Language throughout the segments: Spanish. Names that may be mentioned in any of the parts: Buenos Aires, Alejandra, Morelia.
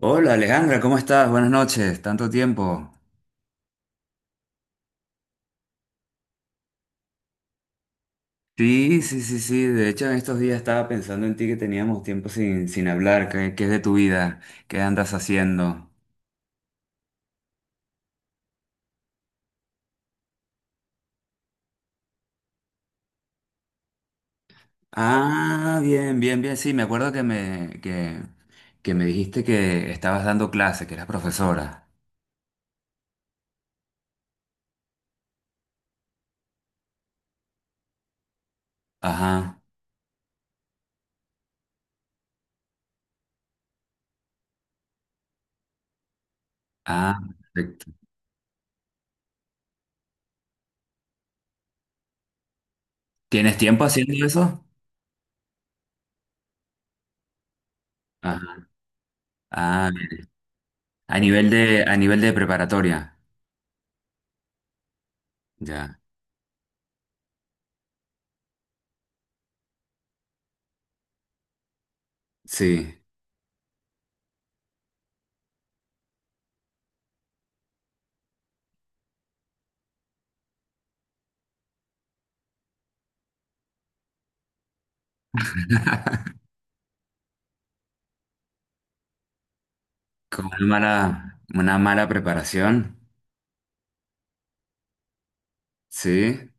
Hola Alejandra, ¿cómo estás? Buenas noches, tanto tiempo. Sí, de hecho en estos días estaba pensando en ti que teníamos tiempo sin hablar, ¿qué es de tu vida? ¿Qué andas haciendo? Ah, bien, bien, bien, sí, me acuerdo que me dijiste que estabas dando clase, que eras profesora. Ajá, ah, perfecto. ¿Tienes tiempo haciendo eso? Ajá, ah, bien. A nivel de preparatoria, ya, sí, una mala preparación. Sí.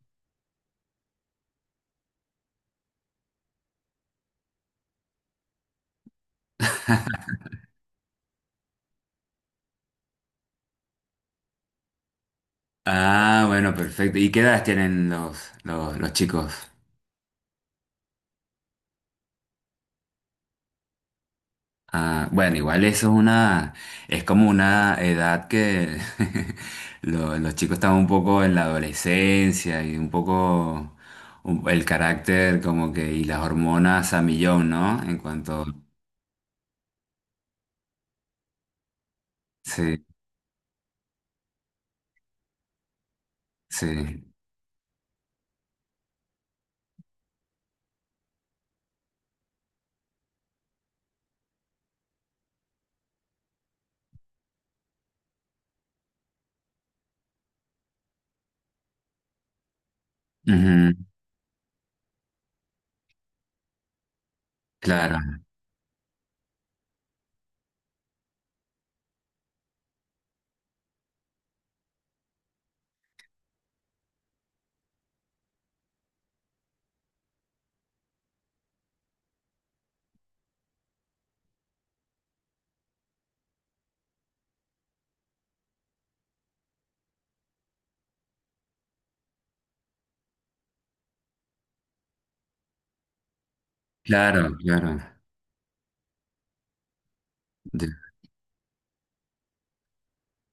Ah, bueno, perfecto. ¿Y qué edades tienen los chicos? Ah, bueno, igual eso es es como una edad que los chicos están un poco en la adolescencia y un poco el carácter como que y las hormonas a millón, ¿no? En cuanto, sí, sí. Ujú, claro, claro, claro.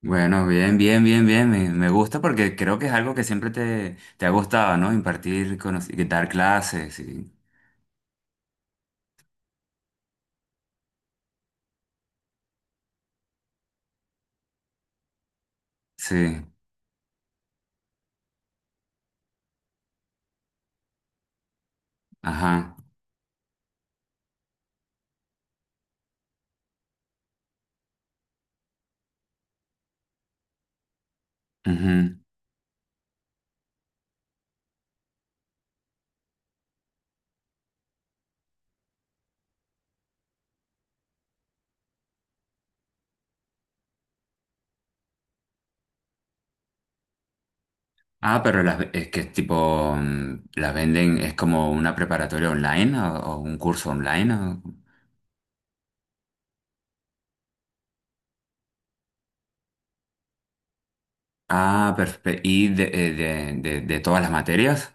Bueno, bien, bien, bien, bien. Me gusta porque creo que es algo que siempre te ha gustado, ¿no? Impartir, conocer, dar clases. Sí, ajá. Ujú. Ah, pero es que es tipo, las venden, es como una preparatoria online o un curso online. Ah, perfecto. ¿Y de todas las materias?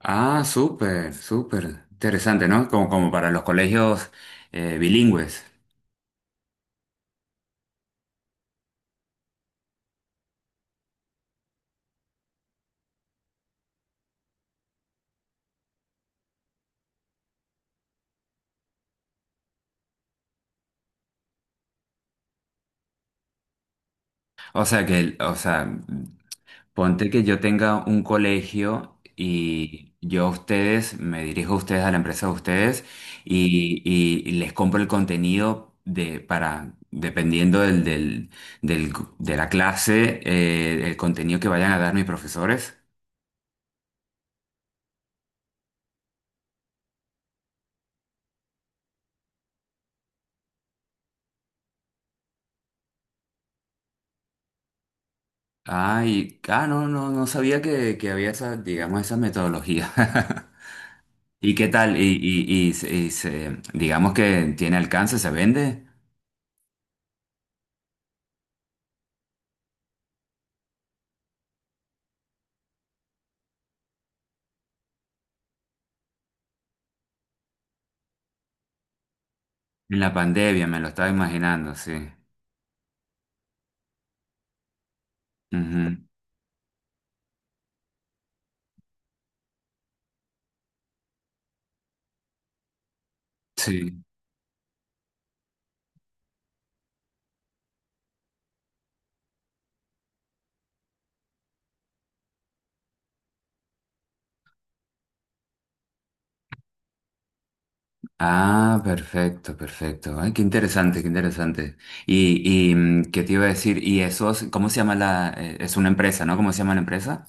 Ah, súper, súper. Interesante, ¿no? Como, como para los colegios bilingües. O sea, ponte que yo tenga un colegio y yo a ustedes, me dirijo a ustedes, a la empresa de ustedes, y les compro el contenido de, para, dependiendo del- de la clase, el contenido que vayan a dar mis profesores. Ay, ah, no, no sabía que había esa, digamos, esa metodología. ¿Y qué tal? Digamos que tiene alcance, se vende. En la pandemia, me lo estaba imaginando, sí. Ujú. Sí. Ah, perfecto, perfecto. Ay, qué interesante, qué interesante. ¿Qué te iba a decir? Y eso, ¿cómo se llama la, es una empresa, ¿no? ¿Cómo se llama la empresa?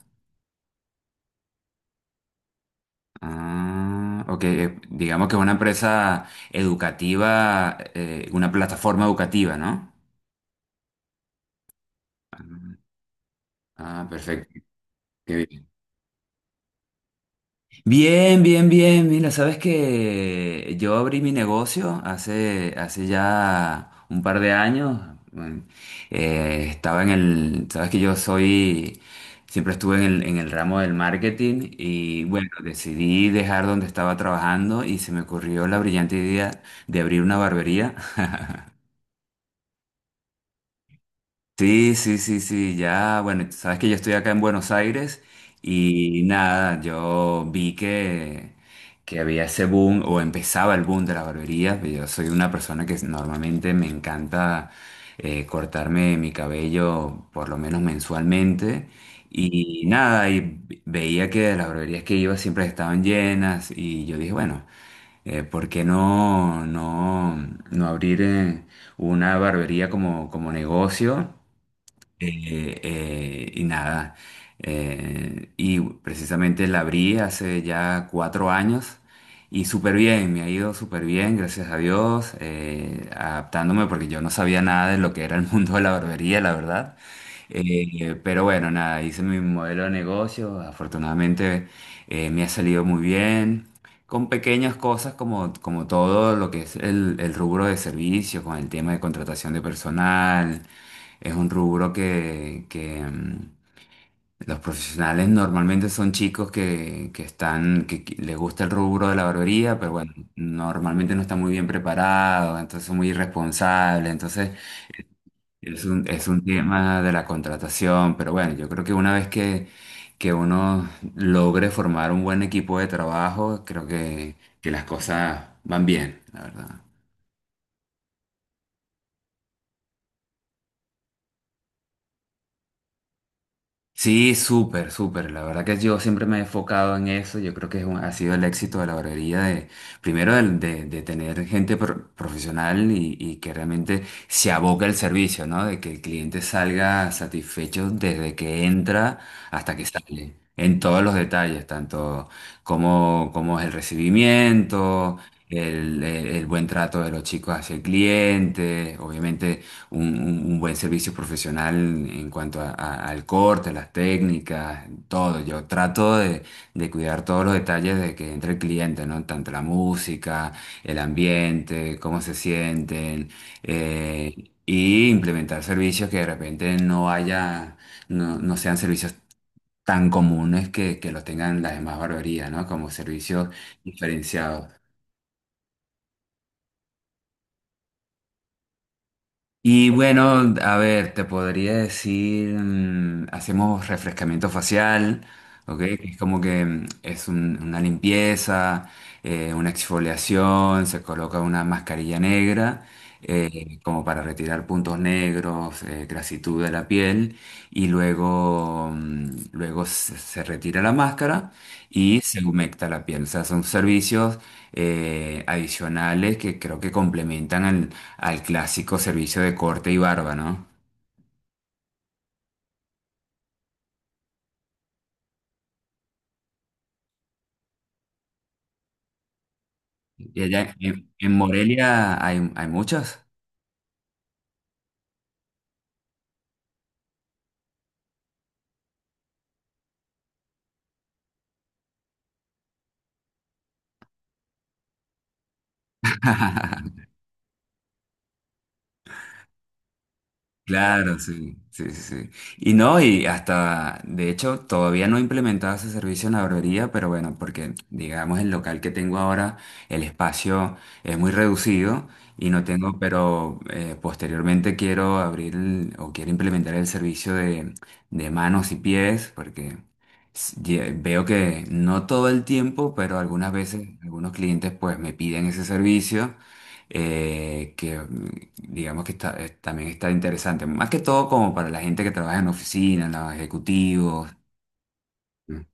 Ah, ok, digamos que es una empresa educativa, una plataforma educativa, ¿no? Ah, perfecto. Qué bien. Bien, bien, bien. Mira, sabes que yo abrí mi negocio hace ya un par de años. Bueno, estaba en el, sabes que yo soy, siempre estuve en el ramo del marketing y bueno, decidí dejar donde estaba trabajando y se me ocurrió la brillante idea de abrir una barbería. Sí, sí, sí, sí, ya, bueno, tú sabes que yo estoy acá en Buenos Aires y nada, que había ese boom o empezaba el boom de las barberías, pues yo soy una persona que normalmente me encanta cortarme mi cabello por lo menos mensualmente y nada, y veía que las barberías que iba siempre estaban llenas y yo dije, bueno, ¿por qué no, no, ¿no abrir una barbería como, como negocio? Y nada, Y precisamente la abrí hace ya 4 años y súper bien, me ha ido súper bien, gracias a Dios, adaptándome porque yo no sabía nada de lo que era el mundo de la barbería, la verdad. Pero bueno, nada, hice mi modelo de negocio, afortunadamente me ha salido muy bien. Con pequeñas cosas como, como todo lo que es el rubro de servicios, con el tema de contratación de personal, es un rubro que, los profesionales normalmente son chicos que les gusta el rubro de la barbería, pero bueno, normalmente no están muy bien preparados, entonces son muy irresponsables, entonces es un tema de la contratación, pero bueno, yo creo que que uno logre formar un buen equipo de trabajo, creo que las cosas van bien, la verdad. Sí, súper, súper. La verdad que yo siempre me he enfocado en eso. Yo creo que es ha sido el éxito de la barbería de, primero de tener gente profesional y que realmente se aboca el servicio, ¿no? De que el cliente salga satisfecho desde que entra hasta que sale, en todos los detalles, tanto como, como es el recibimiento el buen trato de los chicos hacia el cliente, obviamente un buen servicio profesional en cuanto al corte, las técnicas, todo. Yo trato de cuidar todos los detalles de que entre el cliente, ¿no? Tanto la música, el ambiente, cómo se sienten, eh, y implementar servicios que de repente no haya, no sean servicios tan comunes que los tengan las demás barberías, ¿no? Como servicios diferenciados. Y bueno, a ver, te podría decir, mm, hacemos refrescamiento facial, ¿ok? Que es como que mm, es una limpieza, una exfoliación, se coloca una mascarilla negra, como para retirar puntos negros, grasitud de la piel, y luego, mm, luego se retira la máscara y se humecta la piel. O sea, son servicios adicionales que creo que complementan al clásico servicio de corte y barba, ¿no? Y allá en Morelia hay, hay muchos. Claro, sí, sí, sí. Sí. Y no, y hasta, de hecho, todavía no he implementado ese servicio en la barbería, pero bueno, porque digamos el local que tengo ahora, el espacio es muy reducido y no tengo, pero posteriormente quiero abrir o quiero implementar el servicio de manos y pies, porque veo que no todo el tiempo, pero algunas veces algunos clientes pues me piden ese servicio que digamos que está, también está interesante, más que todo como para la gente que trabaja en oficinas, los ejecutivos, mm,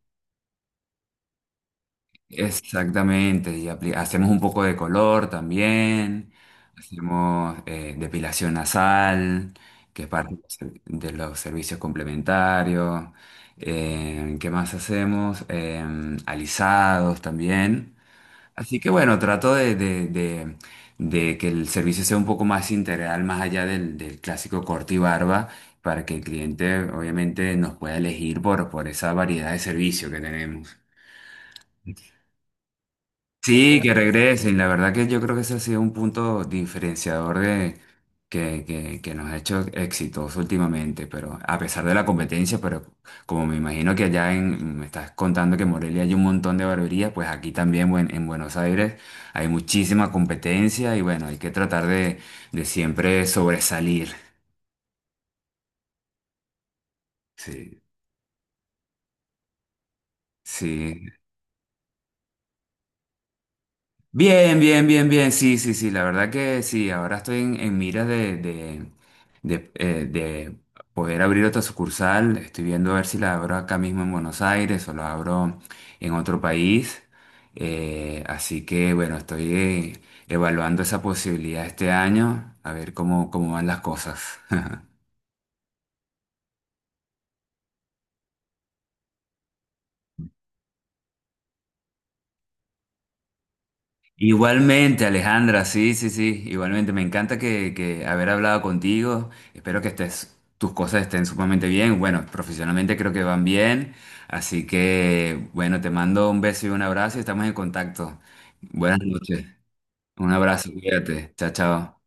exactamente, y hacemos un poco de color también, hacemos depilación nasal, que es parte de los de los servicios complementarios, ¿qué más hacemos? Em, alisados también. Así que bueno, trato de que el servicio sea un poco más integral, más allá del clásico corte y barba, para que el cliente obviamente nos pueda elegir por esa variedad de servicio que tenemos. Sí, que regresen. La verdad que yo creo que ese ha sido un punto diferenciador de, que nos ha hecho exitosos últimamente, pero a pesar de la competencia, pero como me imagino que allá en, me estás contando que en Morelia hay un montón de barberías, pues aquí también en Buenos Aires hay muchísima competencia y bueno, hay que tratar de siempre sobresalir. Sí, sí. Bien, bien, bien, bien, sí, sí, sí, la verdad que sí, ahora estoy en miras de poder abrir otra sucursal, estoy viendo a ver si la abro acá mismo en Buenos Aires o la abro en otro país, eh, así que bueno, estoy evaluando esa posibilidad este año, a ver cómo, cómo van las cosas. Igualmente, Alejandra, sí, sí, sí, igualmente. Me encanta que haber hablado contigo. Espero que estés, tus cosas estén sumamente bien. Bueno, profesionalmente creo que van bien. Así que, bueno, te mando un beso y un abrazo y estamos en contacto. Buenas noches. Un abrazo, cuídate. Chao, chao.